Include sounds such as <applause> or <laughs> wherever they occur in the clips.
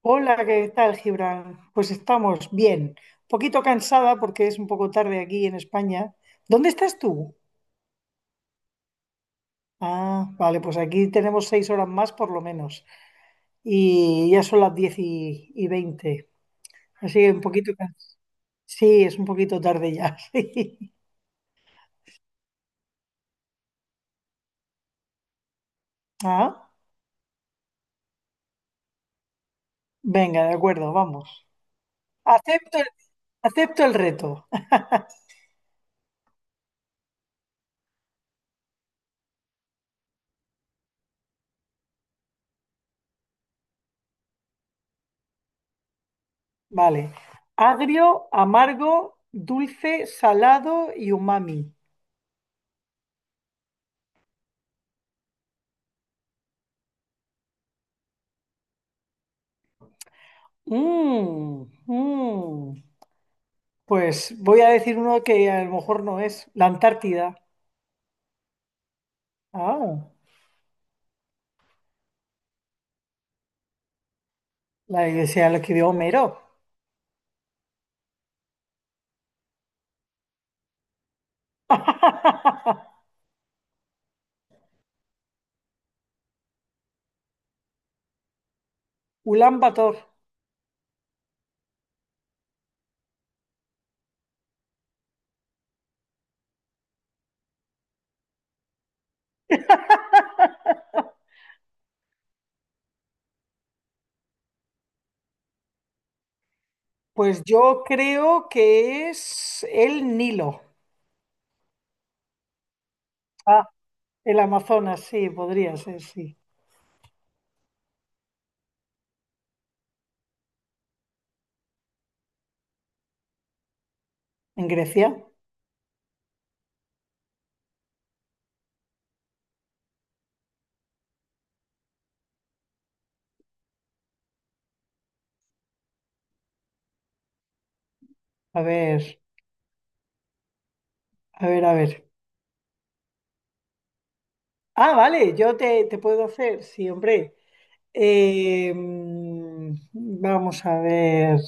Hola, ¿qué tal, Gibran? Pues estamos bien. Un poquito cansada porque es un poco tarde aquí en España. ¿Dónde estás tú? Ah, vale, pues aquí tenemos 6 horas más por lo menos. Y ya son las diez y veinte. Así que un poquito cansada. Sí, es un poquito tarde ya. <laughs> Sí. Ah, venga, de acuerdo, vamos. Acepto, acepto el reto. <laughs> Vale. Agrio, amargo, dulce, salado y umami. Mmm, Pues voy a decir uno que a lo mejor no es, la Antártida. Ah, la iglesia lo escribió Homero. <laughs> Ulan Bator. Pues yo creo que es el Nilo. Ah, el Amazonas, sí, podría ser, sí. En Grecia. A ver, a ver, a ver. Ah, vale, yo te puedo hacer, sí, hombre. Vamos a ver.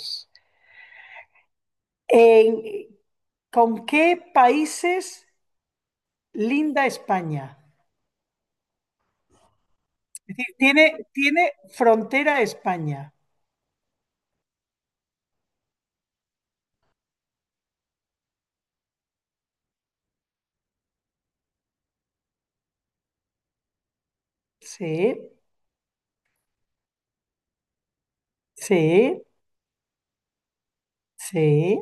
En- ¿Con qué países linda España? Es decir, tiene frontera a España. Sí, sí, sí.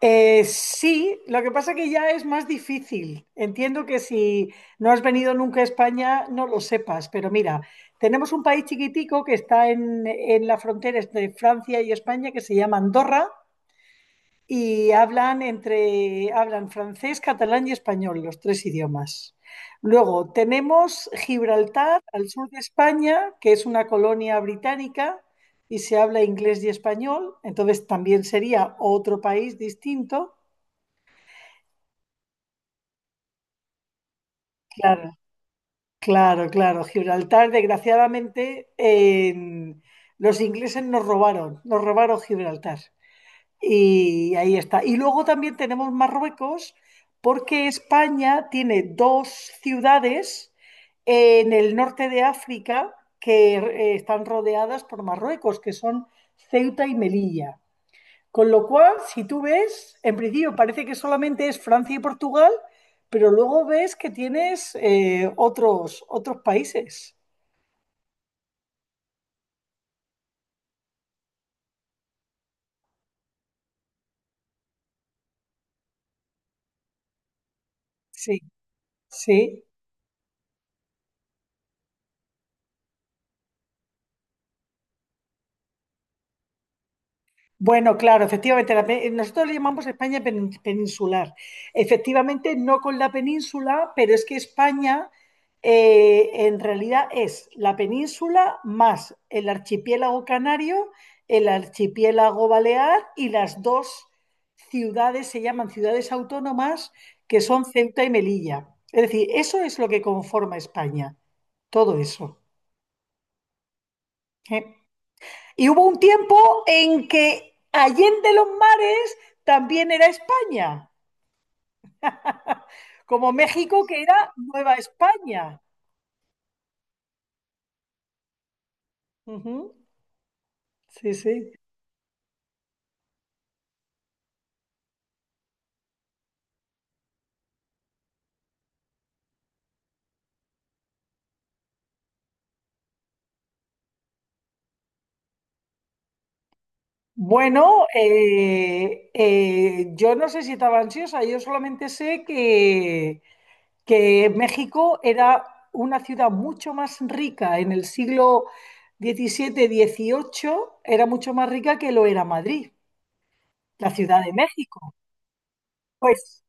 Sí, lo que pasa que ya es más difícil. Entiendo que si no has venido nunca a España, no lo sepas, pero mira, tenemos un país chiquitico que está en la frontera entre Francia y España que se llama Andorra y hablan entre hablan francés, catalán y español, los tres idiomas. Luego tenemos Gibraltar, al sur de España, que es una colonia británica y se habla inglés y español, entonces también sería otro país distinto. Claro, claro, claro. Gibraltar, desgraciadamente, los ingleses nos robaron Gibraltar. Y ahí está. Y luego también tenemos Marruecos, porque España tiene dos ciudades en el norte de África que están rodeadas por Marruecos, que son Ceuta y Melilla. Con lo cual, si tú ves, en principio parece que solamente es Francia y Portugal, pero luego ves que tienes otros países. Sí, sí. Bueno, claro, efectivamente, nosotros le llamamos España peninsular. Efectivamente, no con la península, pero es que España en realidad es la península más el archipiélago canario, el archipiélago balear y las dos ciudades, se llaman ciudades autónomas, que son Ceuta y Melilla. Es decir, eso es lo que conforma España, todo eso. ¿Eh? Y hubo un tiempo en que Allende los Mares también era España, como México que era Nueva España. Ujú. Sí, sí. Bueno, yo no sé si estaba ansiosa, yo solamente sé que México era una ciudad mucho más rica en el siglo XVII-XVIII, era mucho más rica que lo era Madrid, la Ciudad de México. Pues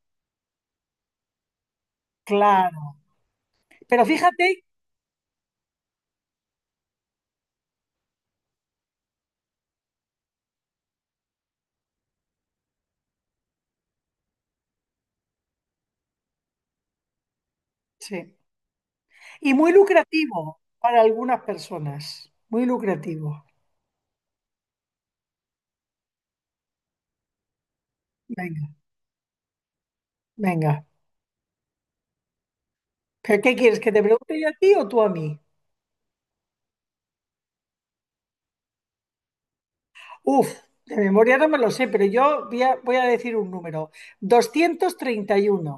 claro, pero fíjate, sí. Y muy lucrativo para algunas personas. Muy lucrativo. Venga, venga. ¿Pero qué quieres? ¿Que te pregunte yo a ti o tú a mí? Uf, de memoria no me lo sé, pero yo voy a decir un número. 231.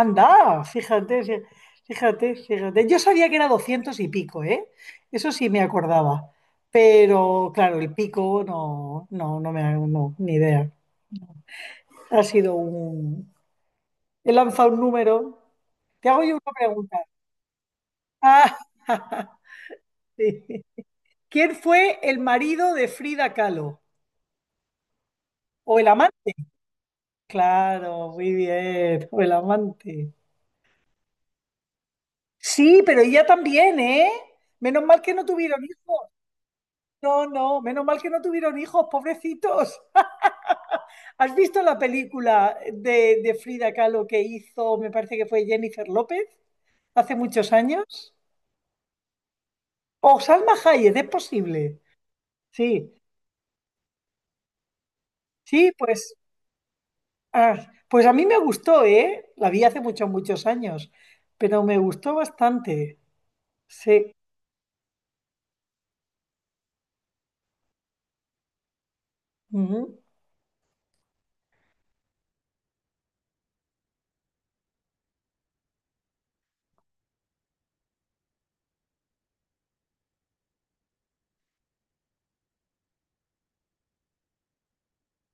Anda, fíjate, fíjate, fíjate. Yo sabía que era 200 y pico, ¿eh? Eso sí me acordaba. Pero claro, el pico no, no, no no, ni idea. Ha sido un. He lanzado un número. Te hago yo una pregunta. Ah, <laughs> sí. ¿Quién fue el marido de Frida Kahlo? ¿O el amante? Claro, muy bien. O el amante. Sí, pero ella también, ¿eh? Menos mal que no tuvieron hijos. No, no, menos mal que no tuvieron hijos, pobrecitos. <laughs> ¿Has visto la película de Frida Kahlo que hizo, me parece que fue Jennifer López, hace muchos años? O Salma Hayek, es posible. Sí, sí, pues. Ah, pues a mí me gustó, ¿eh? La vi hace muchos, muchos años, pero me gustó bastante. Sí. Ujú.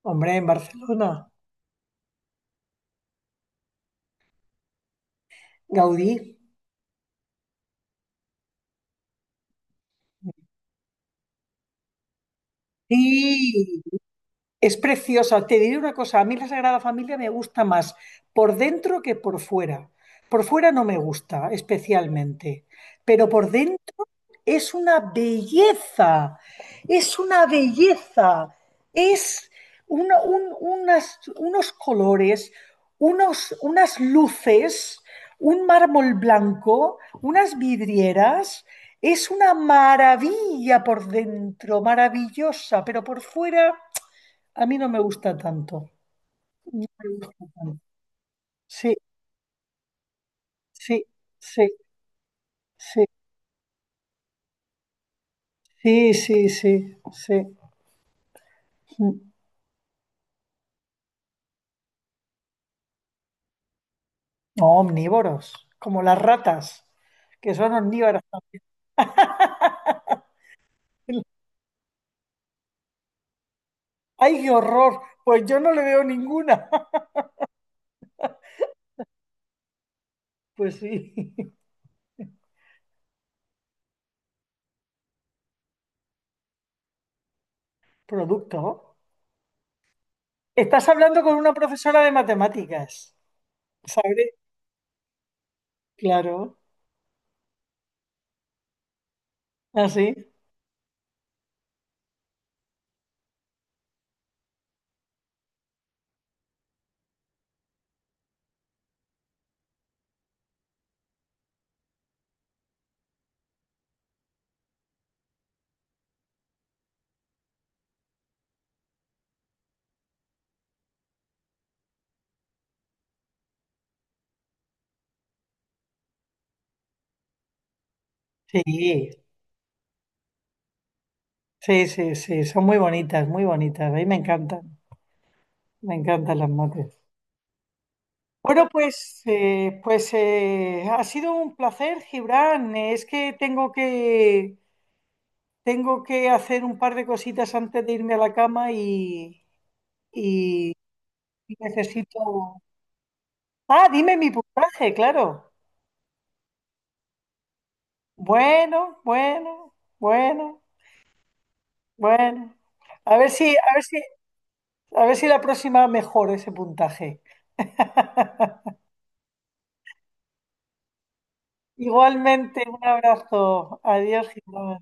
Hombre, en Barcelona. Gaudí. Sí, es preciosa. Te diré una cosa, a mí la Sagrada Familia me gusta más por dentro que por fuera. Por fuera no me gusta especialmente, pero por dentro es una belleza, es una belleza, es una, unos colores, unas luces, un mármol blanco, unas vidrieras. Es una maravilla por dentro, maravillosa, pero por fuera a mí no me gusta tanto. No me gusta tanto. Sí, sí, sí, sí, sí, sí, sí, sí. Omnívoros, como las ratas, que son omnívoras. <laughs> ¡Ay, qué horror! Pues yo no le veo ninguna. <laughs> Pues sí. <laughs> Producto. Estás hablando con una profesora de matemáticas, ¿sabes? Claro, así. Sí, sí, sí, sí, sí. Son muy bonitas, muy bonitas. A mí me encantan las mates. Bueno, pues, ha sido un placer, Gibran. Es que Tengo que, hacer un par de cositas antes de irme a la cama y y necesito. Ah, dime mi puntaje, claro. Bueno, bueno, bueno, bueno. A ver si, a ver si, a ver si la próxima mejora ese puntaje. <laughs> Igualmente, un abrazo. Adiós, Gilmán.